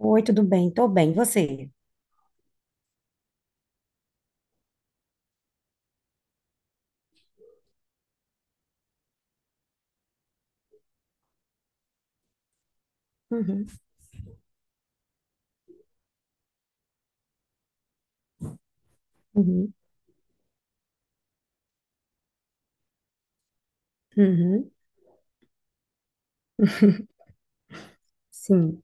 Oi, tudo bem? Tô bem, e você? Uhum, uhum, uhum, sim.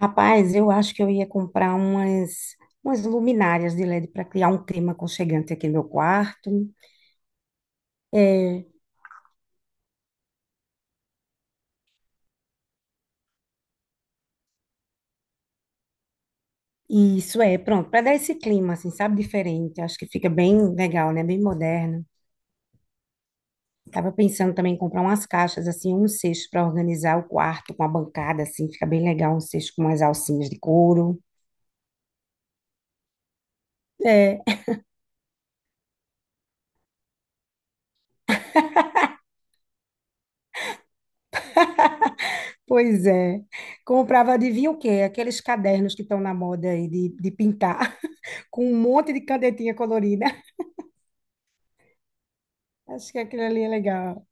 Rapaz, eu acho que eu ia comprar umas luminárias de LED para criar um clima aconchegante aqui no meu quarto. É, e isso é, pronto, para dar esse clima, assim, sabe, diferente. Acho que fica bem legal, né? Bem moderno. Tava pensando também em comprar umas caixas, assim, um cesto para organizar o quarto com a bancada, assim, fica bem legal, um cesto com umas alcinhas de couro. Pois é. Comprava, adivinha o quê? Aqueles cadernos que estão na moda aí de pintar, com um monte de canetinha colorida. Acho que aquilo ali é legal.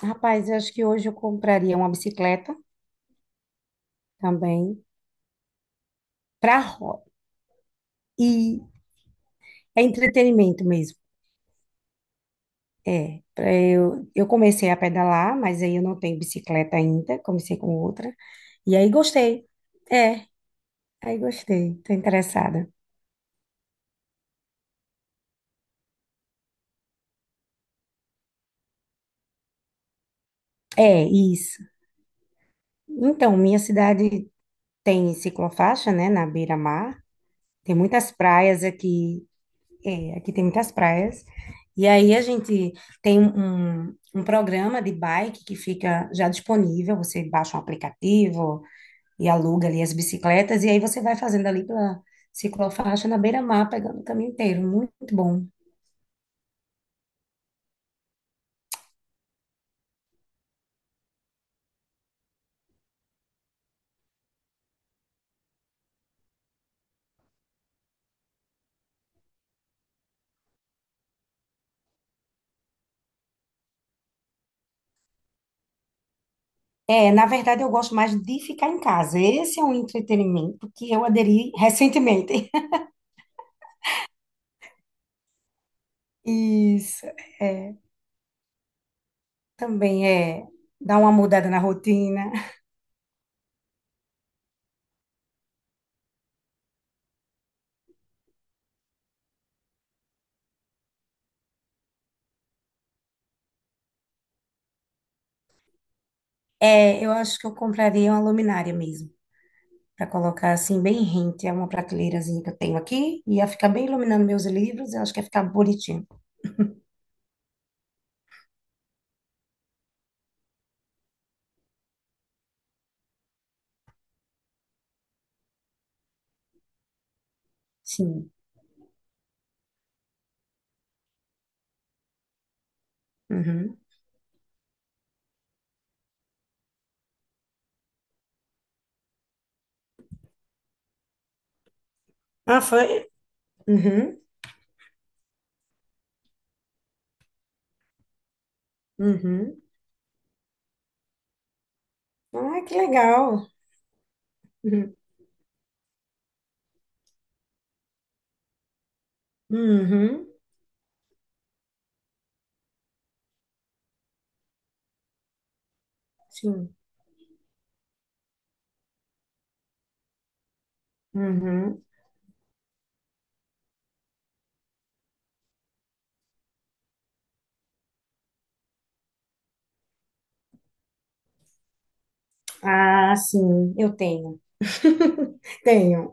Rapaz, eu acho que hoje eu compraria uma bicicleta também para roda. E é entretenimento mesmo. É, eu comecei a pedalar, mas aí eu não tenho bicicleta ainda, comecei com outra. E aí gostei. É, aí gostei. Tô interessada. É, isso. Então, minha cidade tem ciclofaixa, né, na beira-mar. Tem muitas praias aqui, é, aqui tem muitas praias. E aí a gente tem um programa de bike que fica já disponível, você baixa um aplicativo e aluga ali as bicicletas, e aí você vai fazendo ali pela ciclofaixa na beira-mar, pegando o caminho inteiro, muito bom. É, na verdade eu gosto mais de ficar em casa, esse é um entretenimento que eu aderi recentemente. Isso, é, também é dar uma mudada na rotina. É, eu acho que eu compraria uma luminária mesmo, para colocar assim bem rente, é uma prateleirazinha que eu tenho aqui, e ia ficar bem iluminando meus livros, eu acho que ia ficar bonitinho. Sim. Uhum. Ah, foi? Uhum. Uhum. Ah, que legal. Uhum. Uhum. Sim. Uhum. Ah, sim, eu tenho. Tenho.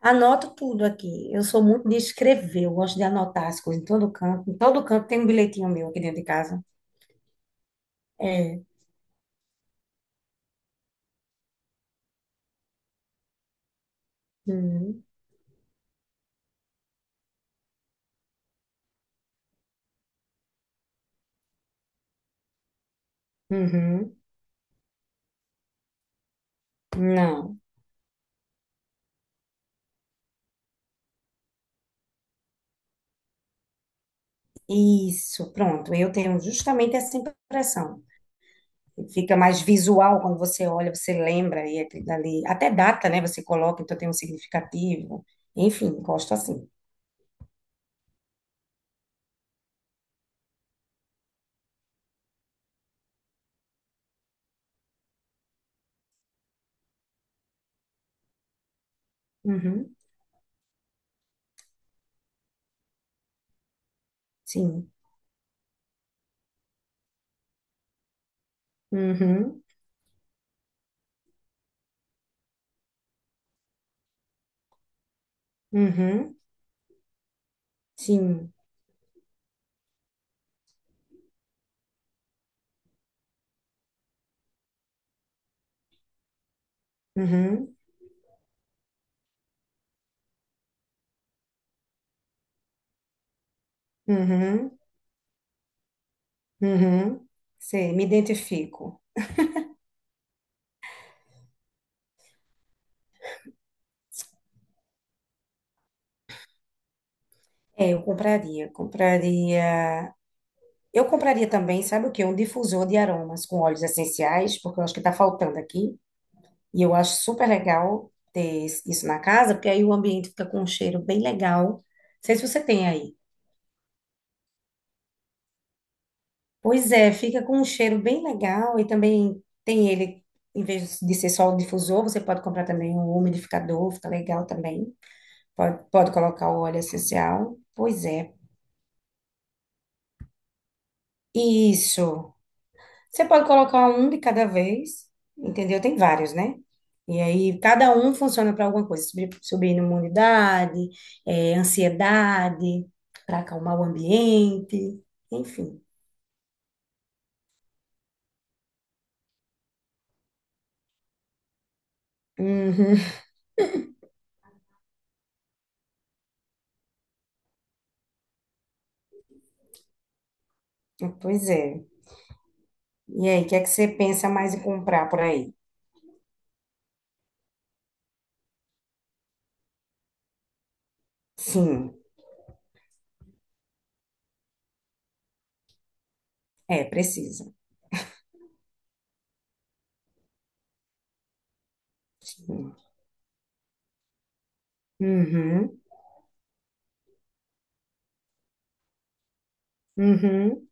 Anoto tudo aqui. Eu sou muito de escrever, eu gosto de anotar as coisas em todo canto. Em todo canto tem um bilhetinho meu aqui dentro de casa. É. Uhum. Uhum. Não. Isso, pronto. Eu tenho justamente essa impressão. Fica mais visual quando você olha, você lembra e aquilo dali. Até data, né? Você coloca, então tem um significativo. Enfim, gosto assim. Uhum, sim. Uhum, uhum, sim. Uhum, uhum, uhum. Sei, me identifico. É, eu compraria, compraria. Eu compraria também, sabe o quê? Um difusor de aromas com óleos essenciais, porque eu acho que está faltando aqui. E eu acho super legal ter isso na casa, porque aí o ambiente fica com um cheiro bem legal. Não sei se você tem aí. Pois é, fica com um cheiro bem legal e também tem ele, em vez de ser só o difusor, você pode comprar também um umidificador, fica legal também. Pode, pode colocar o óleo essencial. Pois é. Isso. Você pode colocar um de cada vez, entendeu? Tem vários, né? E aí, cada um funciona para alguma coisa, subir imunidade, ansiedade, para acalmar o ambiente, enfim. Uhum. Pois é. E aí, o que é que você pensa mais em comprar por aí? Sim, é, precisa. Uhum, uhum.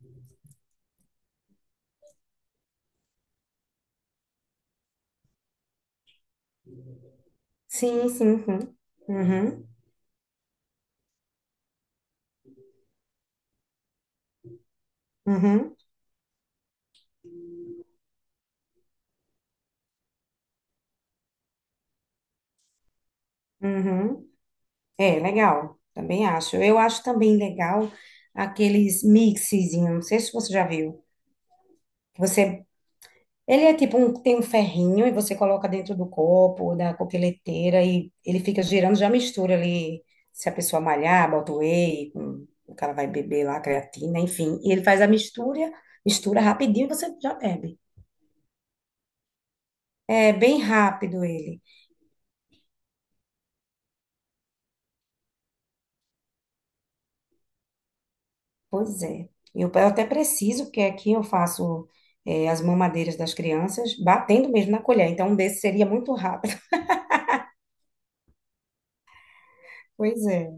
Sim, sim, sim. Uhum, uhum, uhum. É, legal. Também acho. Eu acho também legal aqueles mixezinhos. Não sei se você já viu. Você, ele é tipo um, tem um ferrinho e você coloca dentro do copo, da coqueleteira e ele fica girando, já mistura ali. Se a pessoa malhar, bota o whey, com, o cara vai beber lá, creatina, enfim. E ele faz a mistura, mistura rapidinho e você já bebe. É bem rápido ele. Pois é. Eu até preciso, porque aqui eu faço as mamadeiras das crianças batendo mesmo na colher. Então, um desse seria muito rápido. Pois é.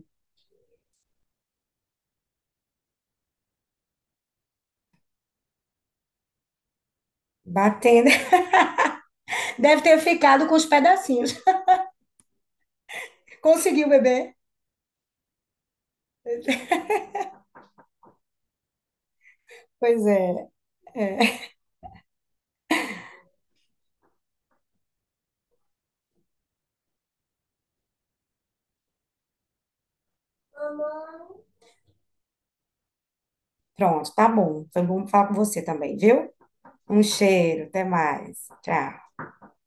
Batendo. Deve ter ficado com os pedacinhos. Conseguiu, bebê? Pois é. É. Pronto, tá bom. Então, vamos falar com você também, viu? Um cheiro. Até mais. Tchau.